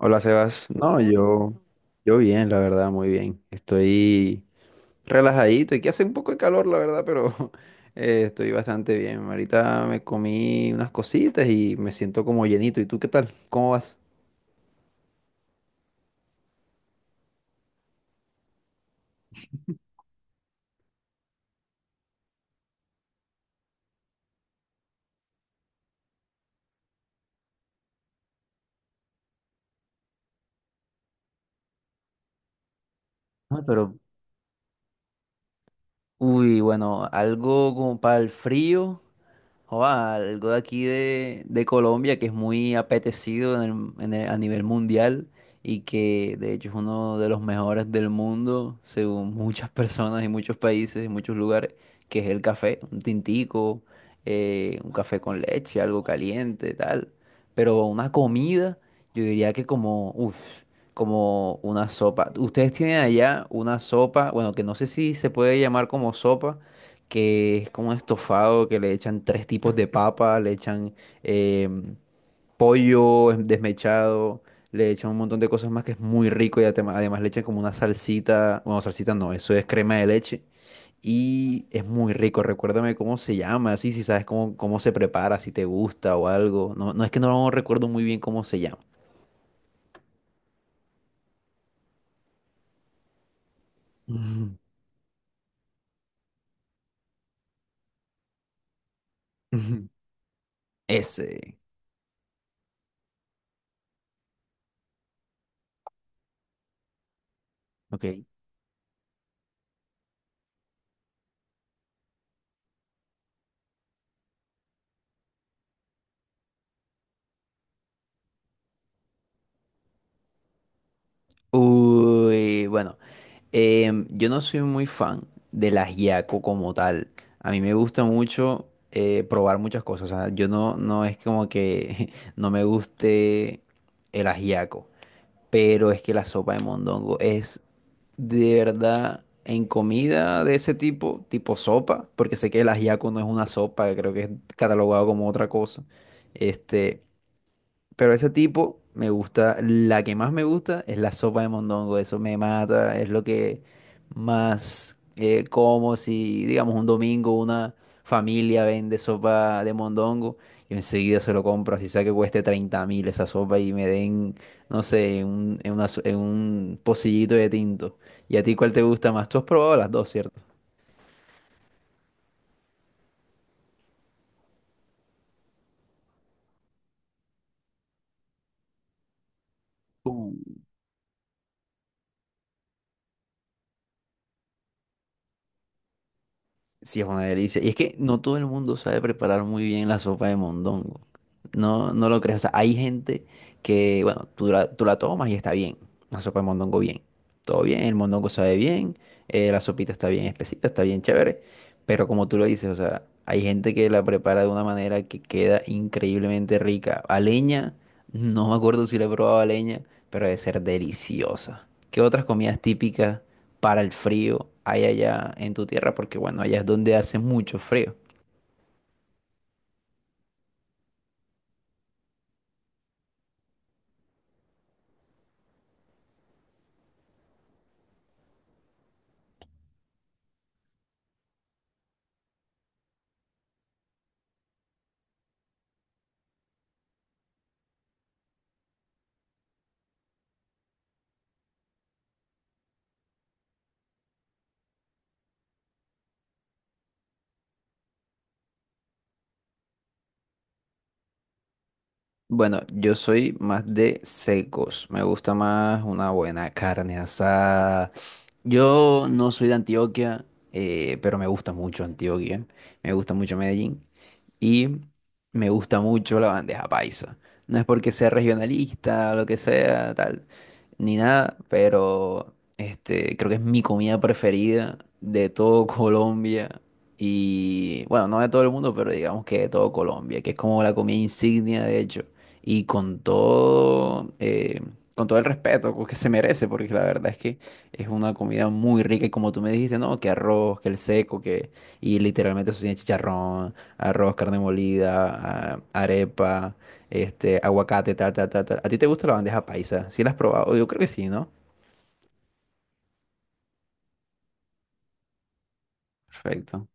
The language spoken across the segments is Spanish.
Hola Sebas, no, yo bien, la verdad, muy bien. Estoy relajadito, aquí hace un poco de calor, la verdad, pero estoy bastante bien. Ahorita me comí unas cositas y me siento como llenito. ¿Y tú qué tal? ¿Cómo vas? Ah, pero, uy, bueno, algo como para el frío. Joda, algo de aquí de Colombia que es muy apetecido en a nivel mundial y que de hecho es uno de los mejores del mundo, según muchas personas y muchos países y muchos lugares, que es el café, un tintico, un café con leche, algo caliente, tal. Pero una comida, yo diría que como, uff, como una sopa. Ustedes tienen allá una sopa, bueno, que no sé si se puede llamar como sopa, que es como un estofado que le echan tres tipos de papa, le echan eh, pollo desmechado, le echan un montón de cosas más que es muy rico y además le echan como una salsita, bueno, salsita no, eso es crema de leche y es muy rico. Recuérdame cómo se llama, así si sabes cómo, cómo se prepara, si te gusta o algo. No, no es que no recuerdo muy bien cómo se llama. Ujú, ujú. Ese, ok. Uy, bueno. Yo no soy muy fan del ajiaco como tal. A mí me gusta mucho probar muchas cosas. O sea, yo no, no es como que no me guste el ajiaco. Pero es que la sopa de mondongo es de verdad en comida de ese tipo, tipo sopa, porque sé que el ajiaco no es una sopa, creo que es catalogado como otra cosa. Este. Pero ese tipo me gusta, la que más me gusta es la sopa de mondongo, eso me mata, es lo que más como si, digamos, un domingo una familia vende sopa de mondongo, yo enseguida se lo compro, así sea que cueste 30.000 esa sopa y me den, no sé, un, en una en un pocillito de tinto. ¿Y a ti cuál te gusta más? Tú has probado las dos, ¿cierto? Sí, es una delicia. Y es que no todo el mundo sabe preparar muy bien la sopa de mondongo. No, no lo crees. O sea, hay gente que, bueno, tú la tomas y está bien. La sopa de mondongo bien. Todo bien, el mondongo sabe bien, la sopita está bien espesita, está bien chévere. Pero como tú lo dices, o sea, hay gente que la prepara de una manera que queda increíblemente rica. A leña no me acuerdo si le he probado a leña, pero debe ser deliciosa. ¿Qué otras comidas típicas para el frío hay allá en tu tierra? Porque bueno, allá es donde hace mucho frío. Bueno, yo soy más de secos. Me gusta más una buena carne asada. Yo no soy de Antioquia, pero me gusta mucho Antioquia. Me gusta mucho Medellín. Y me gusta mucho la bandeja paisa. No es porque sea regionalista, lo que sea, tal, ni nada, pero este, creo que es mi comida preferida de todo Colombia. Y bueno, no de todo el mundo, pero digamos que de todo Colombia, que es como la comida insignia, de hecho. Y con todo el respeto que se merece, porque la verdad es que es una comida muy rica. Y como tú me dijiste, no, que arroz, que el seco, que... Y literalmente eso tiene chicharrón, arroz, carne molida, arepa, este, aguacate, tal, tal, tal, tal. ¿A ti te gusta la bandeja paisa? ¿Sí la has probado? Yo creo que sí, ¿no? Perfecto.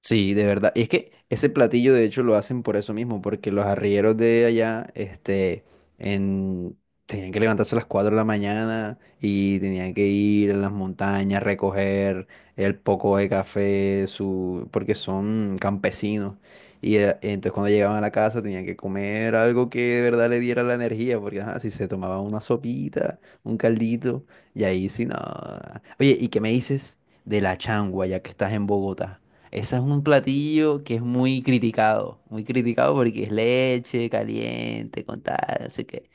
Sí, de verdad. Y es que ese platillo, de hecho, lo hacen por eso mismo, porque los arrieros de allá, este, en... tenían que levantarse a las 4 de la mañana y tenían que ir a las montañas, recoger el poco de café, su... porque son campesinos. Y entonces cuando llegaban a la casa tenían que comer algo que de verdad le diera la energía, porque ajá, si se tomaban una sopita, un caldito, y ahí sí, no. Oye, ¿y qué me dices de la changua, ya que estás en Bogotá? Ese es un platillo que es muy criticado porque es leche caliente, con tal, así que,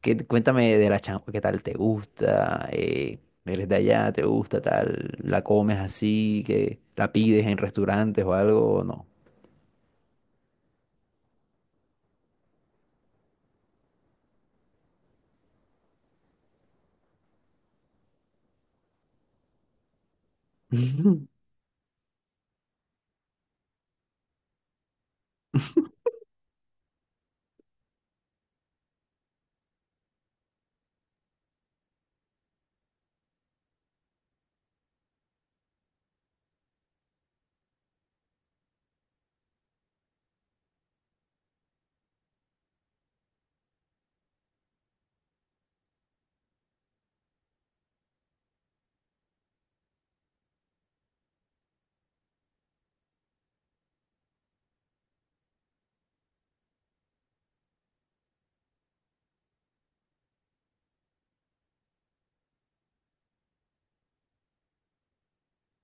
qué cuéntame de la changua, qué tal te gusta, eres de allá, te gusta tal, la comes así, que la pides en restaurantes o algo, o no?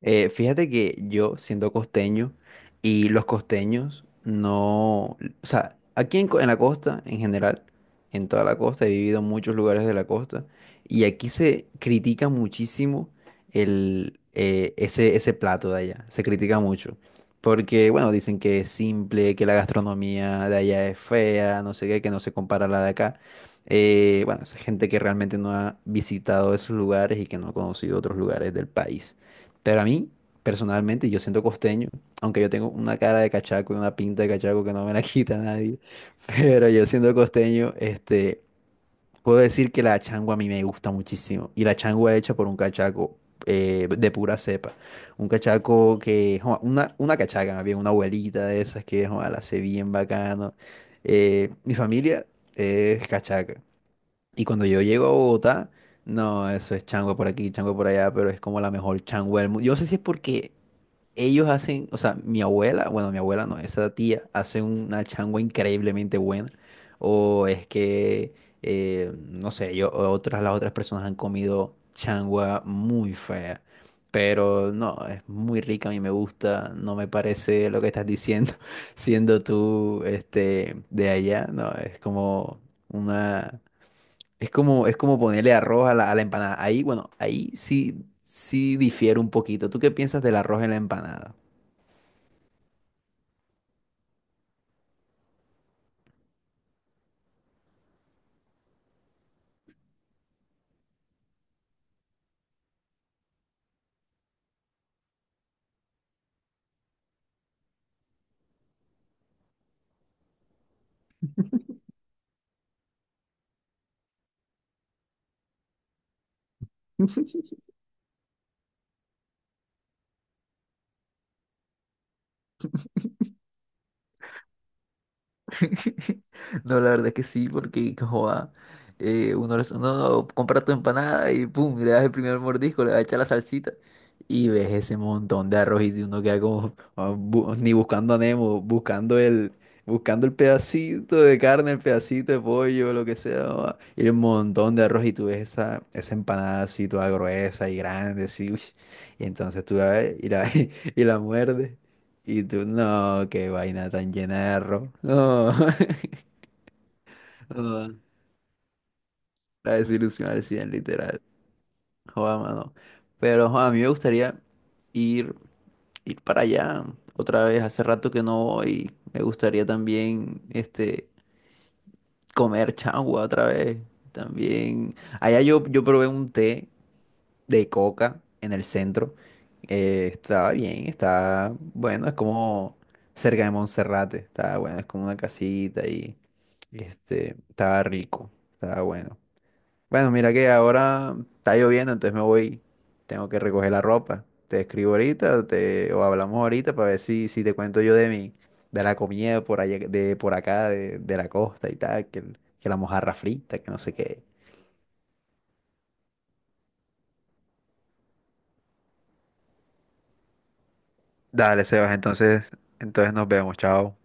Fíjate que yo, siendo costeño, y los costeños no, o sea, aquí en, en la costa, en general, en toda la costa, he vivido en muchos lugares de la costa, y aquí se critica muchísimo ese, ese plato de allá, se critica mucho, porque, bueno, dicen que es simple, que la gastronomía de allá es fea, no sé qué, que no se compara a la de acá. Bueno, es gente que realmente no ha visitado esos lugares y que no ha conocido otros lugares del país. Pero a mí, personalmente, yo siento costeño, aunque yo tengo una cara de cachaco y una pinta de cachaco que no me la quita nadie, pero yo siendo costeño, este, puedo decir que la changua a mí me gusta muchísimo. Y la changua hecha por un cachaco de pura cepa. Un cachaco que, joa, una cachaca más bien, una abuelita de esas que, joa, la hace bien bacano. Mi familia es cachaca. Y cuando yo llego a Bogotá, no, eso es changua por aquí, changua por allá, pero es como la mejor changua del mundo. Yo no sé si es porque ellos hacen, o sea, mi abuela, bueno, mi abuela no, esa tía hace una changua increíblemente buena, o es que, no sé, yo, otras, las otras personas han comido changua muy fea. Pero no, es muy rica, a mí me gusta, no me parece lo que estás diciendo, siendo tú este, de allá, no, es como una, es como ponerle arroz a la empanada. Ahí, bueno, ahí sí, sí difiere un poquito. ¿Tú qué piensas del arroz en la empanada? No, la verdad que sí, porque joda, uno, uno compra tu empanada y pum, le das el primer mordisco, le das a echar la salsita y ves ese montón de arroz y si uno queda como ah, ni buscando a Nemo, buscando el pedacito de carne, el pedacito de pollo, lo que sea, joda, y el montón de arroz y tú ves esa, esa empanada así toda gruesa y grande, así, uy, y entonces tú la ves y la, y la muerdes. Y tú, no, qué vaina tan llena de arroz. No. No, la desilusión al 100, literal. Joda, mano. Pero joda, a mí me gustaría ir, ir para allá otra vez. Hace rato que no voy. Me gustaría también este, comer changua otra vez. También. Allá yo, yo probé un té de coca en el centro. Estaba bien, estaba bueno, es como cerca de Monserrate, estaba bueno, es como una casita y este, estaba rico, estaba bueno. Bueno, mira que ahora está lloviendo, entonces me voy, tengo que recoger la ropa. Te escribo ahorita o, te, o hablamos ahorita para ver si, si te cuento yo de mi, de la comida por allá, de por acá, de la costa y tal, que, que la mojarra frita, que no sé qué. Dale, Sebas, entonces, entonces nos vemos, chao.